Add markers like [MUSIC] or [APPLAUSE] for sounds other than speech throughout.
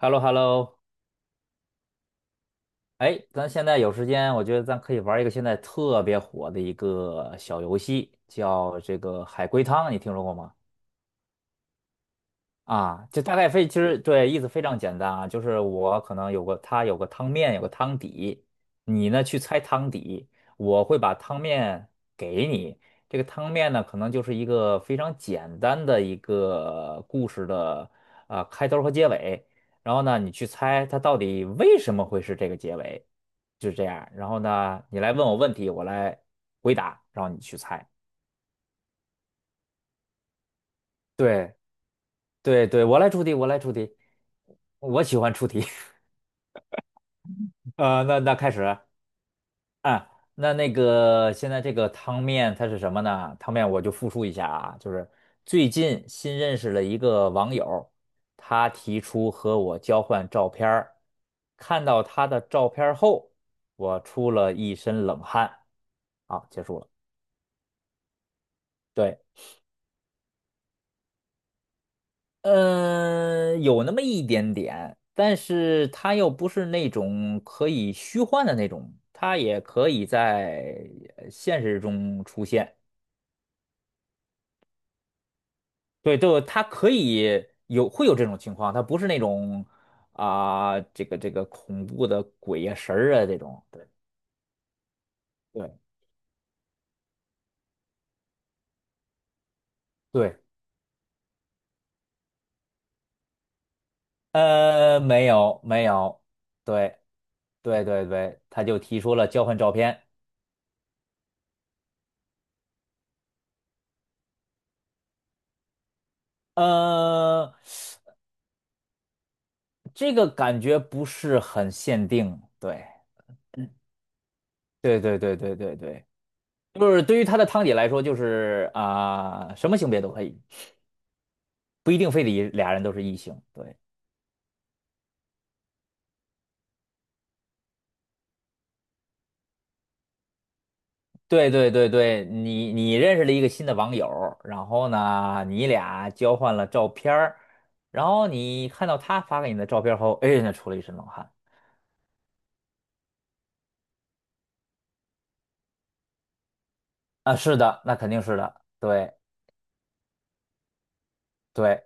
h e l l o h e l l o 哎，咱现在有时间，我觉得咱可以玩一个现在特别火的一个小游戏，叫这个海龟汤，你听说过吗？啊，就大概非其实对意思非常简单啊，就是我可能有个它有个汤面，有个汤底，你呢去猜汤底，我会把汤面给你。这个汤面呢，可能就是一个非常简单的一个故事的开头和结尾，然后呢你去猜它到底为什么会是这个结尾，就是这样。然后呢你来问我问题，我来回答，然后你去猜。对对对，我来出题，我来出题，我喜欢出题。那开始啊，那个现在这个汤面它是什么呢？汤面我就复述一下啊，就是最近新认识了一个网友，他提出和我交换照片儿，看到他的照片儿后，我出了一身冷汗。好，结束了。对，嗯，有那么一点点，但是他又不是那种可以虚幻的那种，他也可以在现实中出现。对，就他可以会有这种情况，他不是那种这个恐怖的鬼呀、神儿啊这种。对对对，没有没有，对对对对，他就提出了交换照片，呃，这个感觉不是很限定，对对对对对对对，就是对于他的汤姐来说，就是什么性别都可以，不一定非得俩人都是异性，对。对对对对，你认识了一个新的网友儿，然后呢，你俩交换了照片儿，然后你看到他发给你的照片儿后，哎，那出了一身冷汗啊！是的，那肯定是的，对对，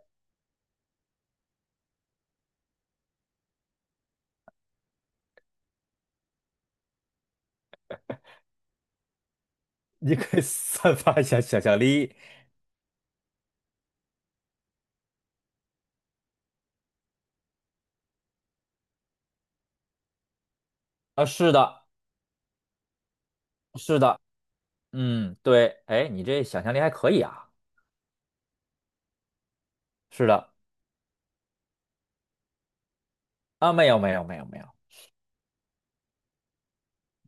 你可以 [LAUGHS] 散发一下想象力啊！是的，是的，嗯，对，哎，你这想象力还可以啊！是的，啊，没有没有没有没有，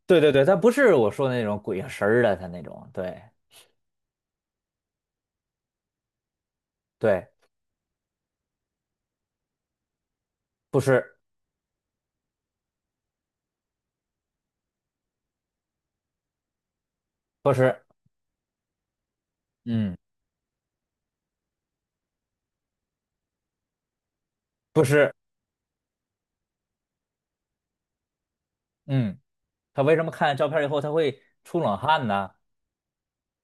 对对对，他不是我说的那种鬼神儿的，他那种，对对，不是不是，嗯，不是，嗯。他为什么看照片以后他会出冷汗呢？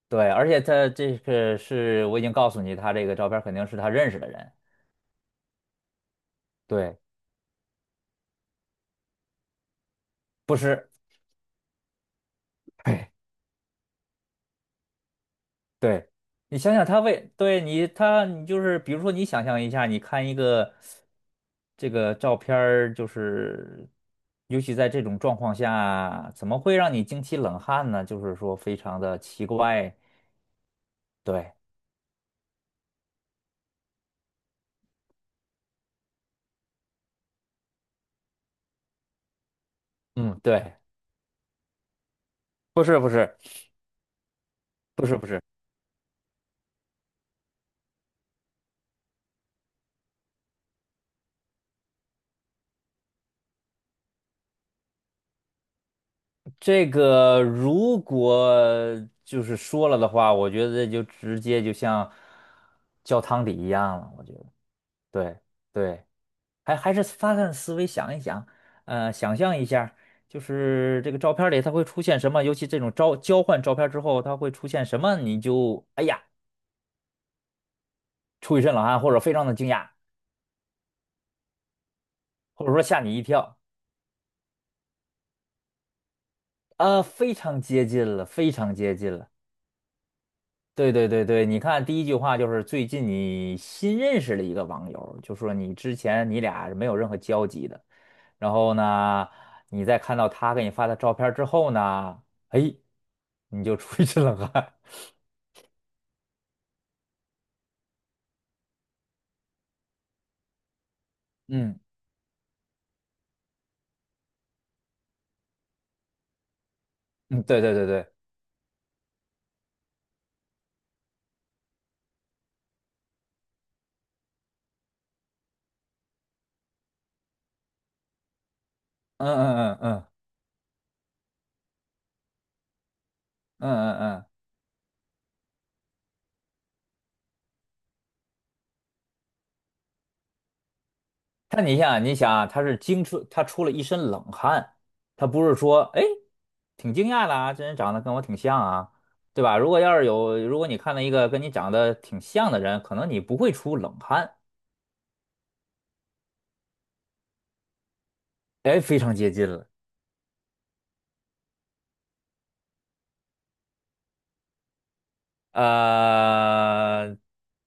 对，而且他这个是我已经告诉你，他这个照片肯定是他认识的人，对，不是，对对，你想想他为，对你就是比如说你想象一下，你看一个这个照片儿，就是尤其在这种状况下，怎么会让你惊起冷汗呢？就是说非常的奇怪，对，嗯，对，不是不是不是不是。这个如果就是说了的话，我觉得就直接就像浇汤底一样了。我觉得，对对，还是发散思维想一想，想象一下，就是这个照片里它会出现什么，尤其这种招交换照片之后，它会出现什么，你就哎呀出一身冷汗，或者非常的惊讶，或者说吓你一跳啊，非常接近了，非常接近了。对对对对，你看第一句话就是最近你新认识了一个网友，就说你之前你俩是没有任何交集的，然后呢，你在看到他给你发的照片之后呢，哎，你就出一身冷汗。[LAUGHS] 嗯嗯，对对对对，嗯嗯嗯嗯嗯嗯嗯。但你想，你想啊他出了一身冷汗，他不是说，哎，挺惊讶的啊，这人长得跟我挺像啊，对吧？如果要是有，如果你看到一个跟你长得挺像的人，可能你不会出冷汗，哎，非常接近了，呃，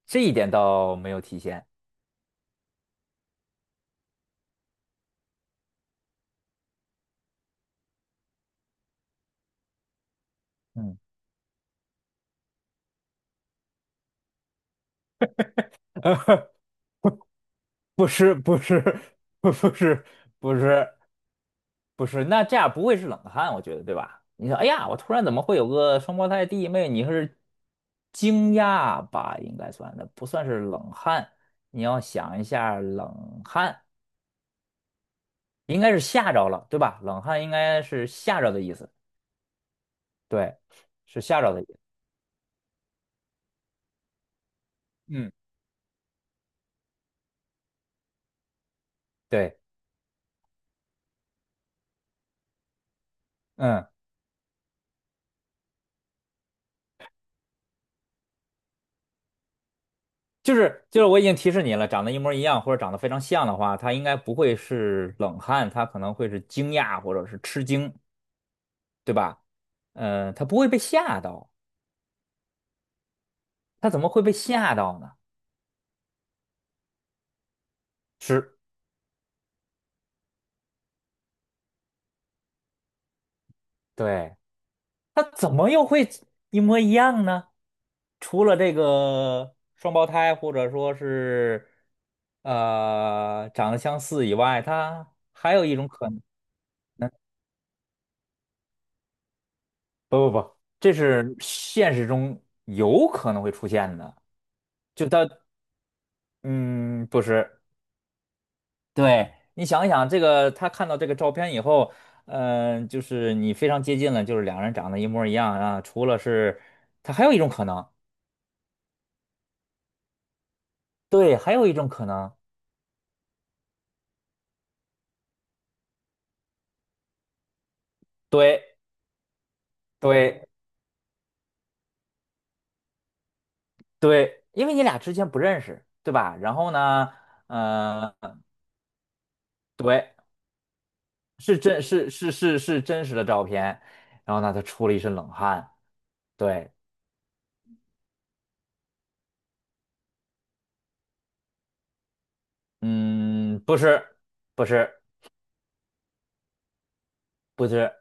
这一点倒没有体现，嗯，[LAUGHS] 不是，不是，[LAUGHS] 不是，不是。不是，那这样不会是冷汗，我觉得，对吧？你说，哎呀，我突然怎么会有个双胞胎弟妹？你是惊讶吧？应该算的，不算是冷汗。你要想一下，冷汗应该是吓着了，对吧？冷汗应该是吓着的意思，对，是吓着的意思。嗯，对，嗯，就是，我已经提示你了，长得一模一样或者长得非常像的话，他应该不会是冷汗，他可能会是惊讶或者是吃惊，对吧？嗯，他不会被吓到。他怎么会被吓到呢？是，对，他怎么又会一模一样呢？除了这个双胞胎，或者说是长得相似以外，他还有一种可能，不不不，这是现实中有可能会出现的。就他，嗯，不是，对，你想一想，这个他看到这个照片以后。嗯，就是你非常接近了，就是两人长得一模一样啊。除了是，他还有一种可能，对，还有一种可能，对对对，因为你俩之前不认识，对吧？然后呢，呃，对，是真是是是是真实的照片，然后呢，他出了一身冷汗，对，嗯，不是不是不是，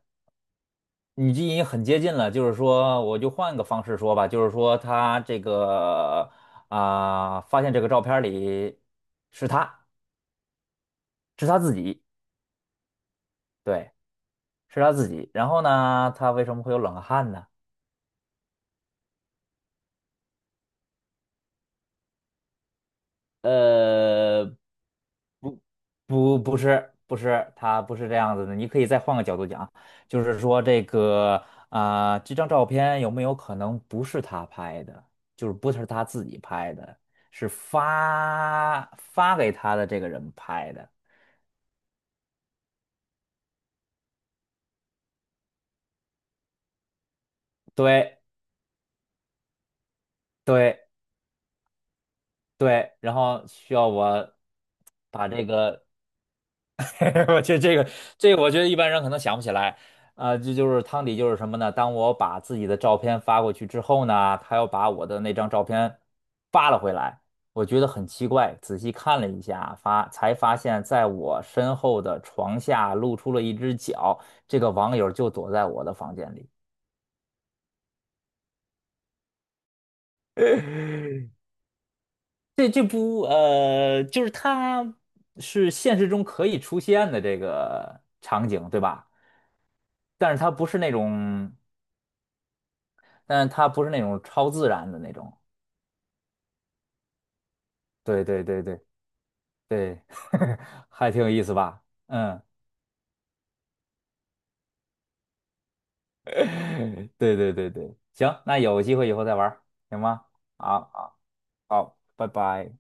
你这已经很接近了，就是说，我就换个方式说吧，就是说他这个发现这个照片里是他是他自己，对，是他自己，然后呢，他为什么会有冷汗呢？呃，不，不，不是，不是，他不是这样子的。你可以再换个角度讲，就是说这个这张照片有没有可能不是他拍的，就是不是他自己拍的，是发给他的这个人拍的。对，对，对。然后需要我把这个。[LAUGHS] 我觉得这个我觉得一般人可能想不起来，这就是汤底就是什么呢？当我把自己的照片发过去之后呢，他又把我的那张照片发了回来，我觉得很奇怪，仔细看了一下，才发现在我身后的床下露出了一只脚，这个网友就躲在我的房间里。[LAUGHS] 这不就是它是现实中可以出现的这个场景，对吧？但是它不是那种。但是它不是那种超自然的那种。对对对对对，[LAUGHS] 还挺有意思吧？嗯，[LAUGHS] 对对对对，行，那有机会以后再玩儿行吗？好，好，好拜拜。